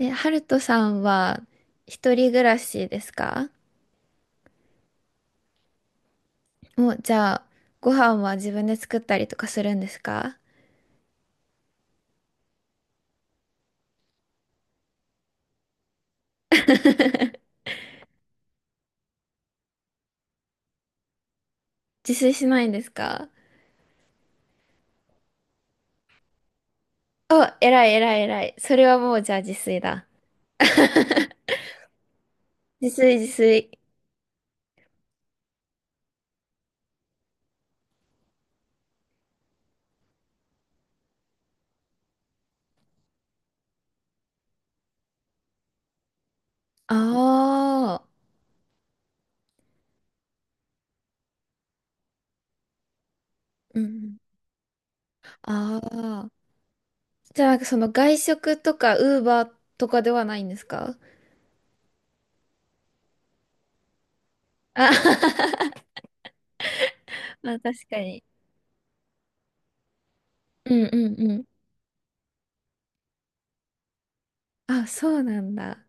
え、ハルトさんは一人暮らしですか？もう、じゃあ、ご飯は自分で作ったりとかするんですか？自炊しないんですか？あ、偉い偉い偉い。それはもう、じゃあ自炊だ。自炊自炊。ああ、うん。ああ。じゃあ、なんかその外食とか、ウーバーとかではないんですか？あ まあ、確かに。うんうんうん。あ、そうなんだ。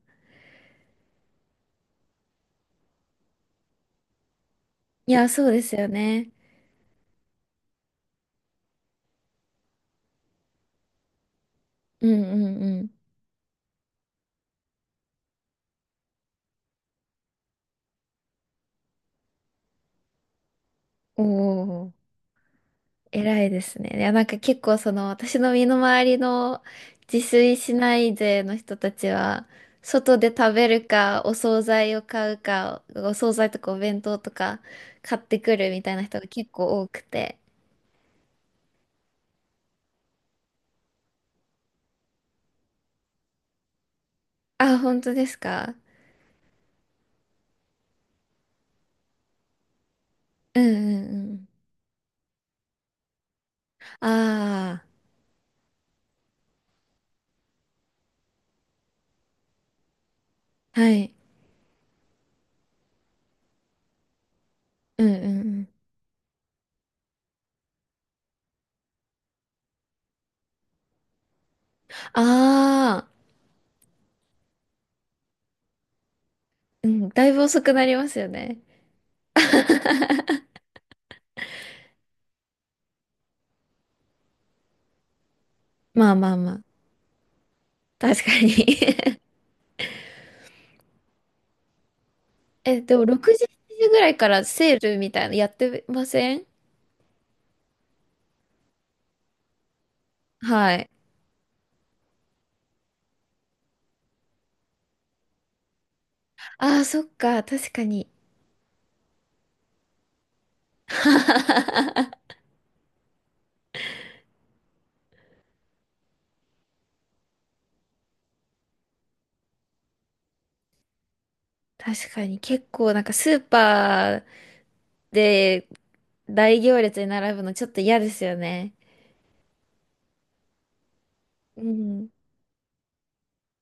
いや、そうですよね。うんうんうん。おお。偉いですね。いや、なんか結構その私の身の回りの自炊しない勢の人たちは、外で食べるか、お惣菜を買うか、お惣菜とかお弁当とか買ってくるみたいな人が結構多くて。あ、本当ですか？うんうんうん。ああ、はい。うんうんうん。ああ、うん、だいぶ遅くなりますよね。まあまあまあ。確かに。え、でも6時、しちじぐらいからセールみたいなのやってません？はい。ああ、そっか、確かに。確かに、結構なんかスーパーで大行列に並ぶのちょっと嫌ですよね。うん。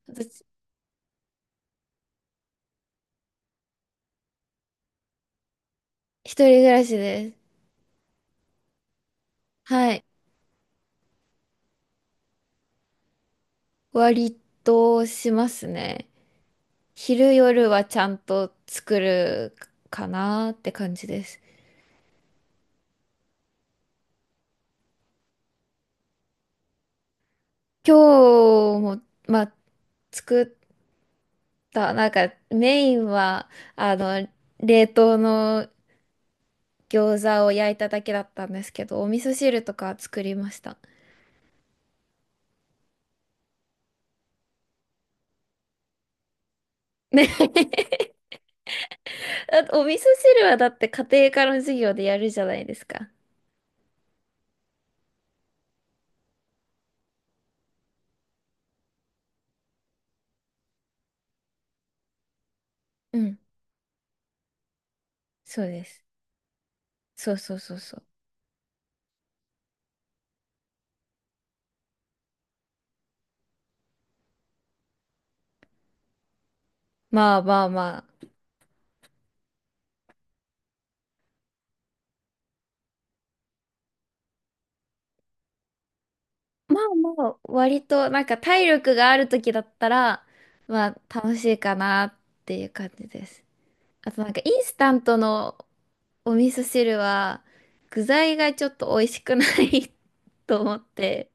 私、一人暮らしです。はい。割としますね。昼夜はちゃんと作るかなって感じです。今日も、まあ、作っだ、なんかメインは、あの、冷凍の餃子を焼いただけだったんですけど、お味噌汁とか作りました。ね だって お味噌汁はだって家庭科の授業でやるじゃないですか。うん、そうです。そうそうそうそう。まあまあまあ。まあまあ、割となんか体力がある時だったら、まあ楽しいかなっていう感じです。あとなんかインスタントのお味噌汁は具材がちょっと美味しくない と思って、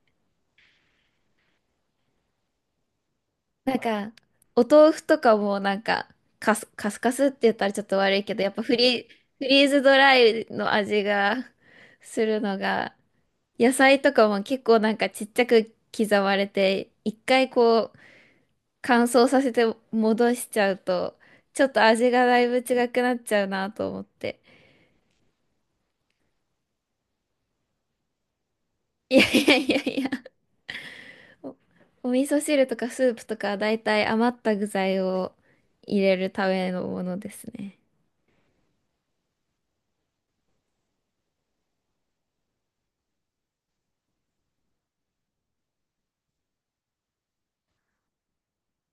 なんかお豆腐とかもなんかカスカスって言ったらちょっと悪いけど、やっぱフリーズドライの味がするのが、野菜とかも結構なんかちっちゃく刻まれて、一回こう乾燥させて戻しちゃうと、ちょっと味がだいぶ違くなっちゃうなと思って。いやいやいやいや、お、お味噌汁とかスープとかだいたい余った具材を入れるためのものですね。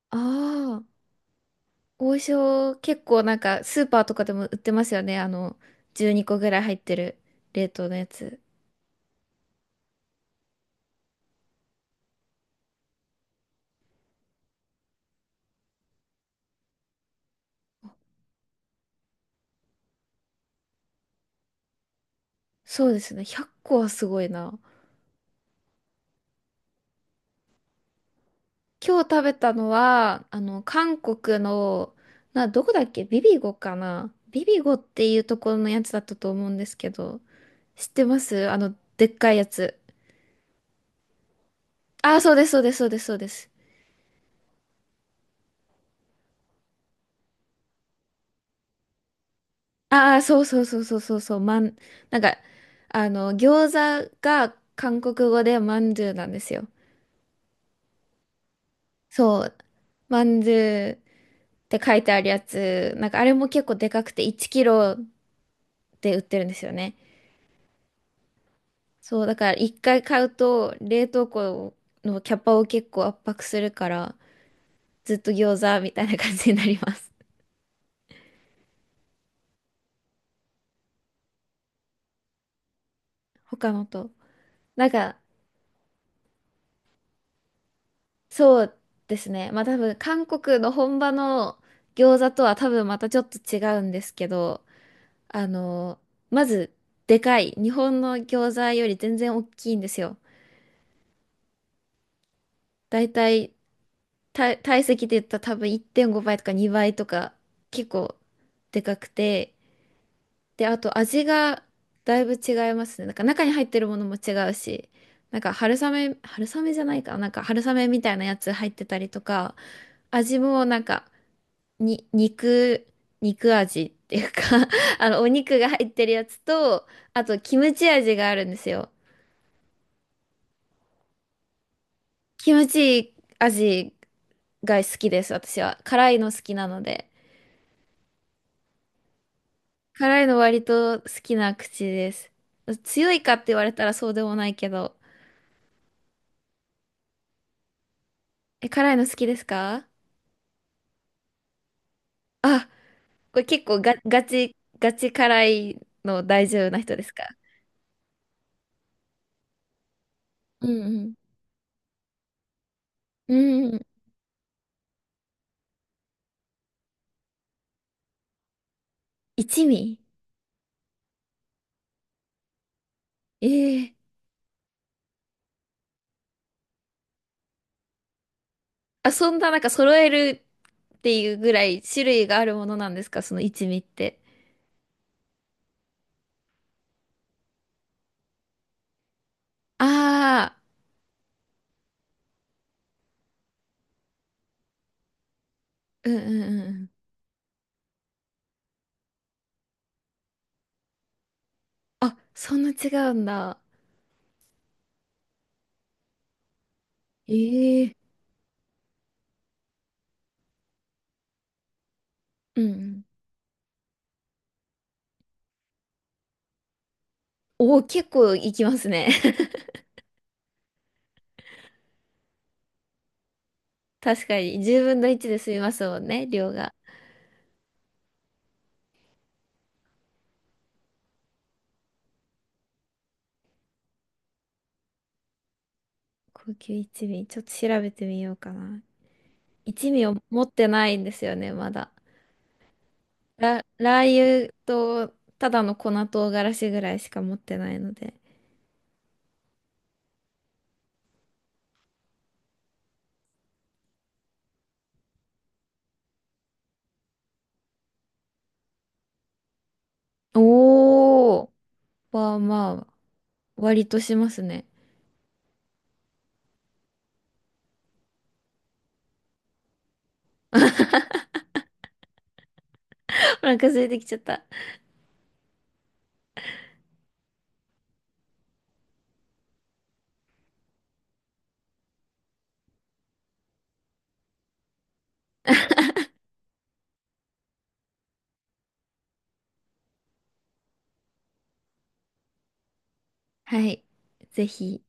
ああ、王将結構なんかスーパーとかでも売ってますよね。あの、12個ぐらい入ってる冷凍のやつ。そうですね。100個はすごいな。今日食べたのは、あの、韓国の、どこだっけビビゴかなビビゴっていうところのやつだったと思うんですけど、知ってます？あの、でっかいやつ。ああ、そうです、そうです、そうです、そうです。ああ、そうそうそうそうそうそう、なんか、あの、餃子が韓国語でまんじゅうなんですよ。そう、まんじゅうって書いてあるやつ、なんかあれも結構でかくて1キロで売ってるんですよね。そう、だから一回買うと冷凍庫のキャパを結構圧迫するから、ずっと餃子みたいな感じになります。他のと。なんか、そうですね。まあ多分韓国の本場の餃子とは多分またちょっと違うんですけど、あの、まずでかい。日本の餃子より全然大きいんですよ。だいたい体積で言ったら多分1.5倍とか2倍とか結構でかくて。で、あと味がだいぶ違いますね。なんか中に入ってるものも違うし、なんか春雨、春雨じゃないかな。なんか春雨みたいなやつ入ってたりとか、味もなんかに、肉、肉味っていうか あの、お肉が入ってるやつと、あと、キムチ味があるんですよ。キムチ味が好きです、私は。辛いの好きなので。辛いの割と好きな口です。強いかって言われたらそうでもないけど。え、辛いの好きですか？あ、これ結構ガチ辛いの大丈夫な人ですか？うんうん。うんうん。一味。ええ。あ、そんななんか揃えるっていうぐらい種類があるものなんですかその一味って？ああ、うんうんうん。あ、そんな違うんだ。ええ。うんうん。おお、結構いきますね。確かに。10分の1で済みますもんね、量が。高級一味、ちょっと調べてみようかな。一味を持ってないんですよね、まだ。ラー油と、ただの粉唐辛子ぐらいしか持ってないので。おー、まあまあ、割としますね。お腹空いてきちゃった。はい。ぜひ。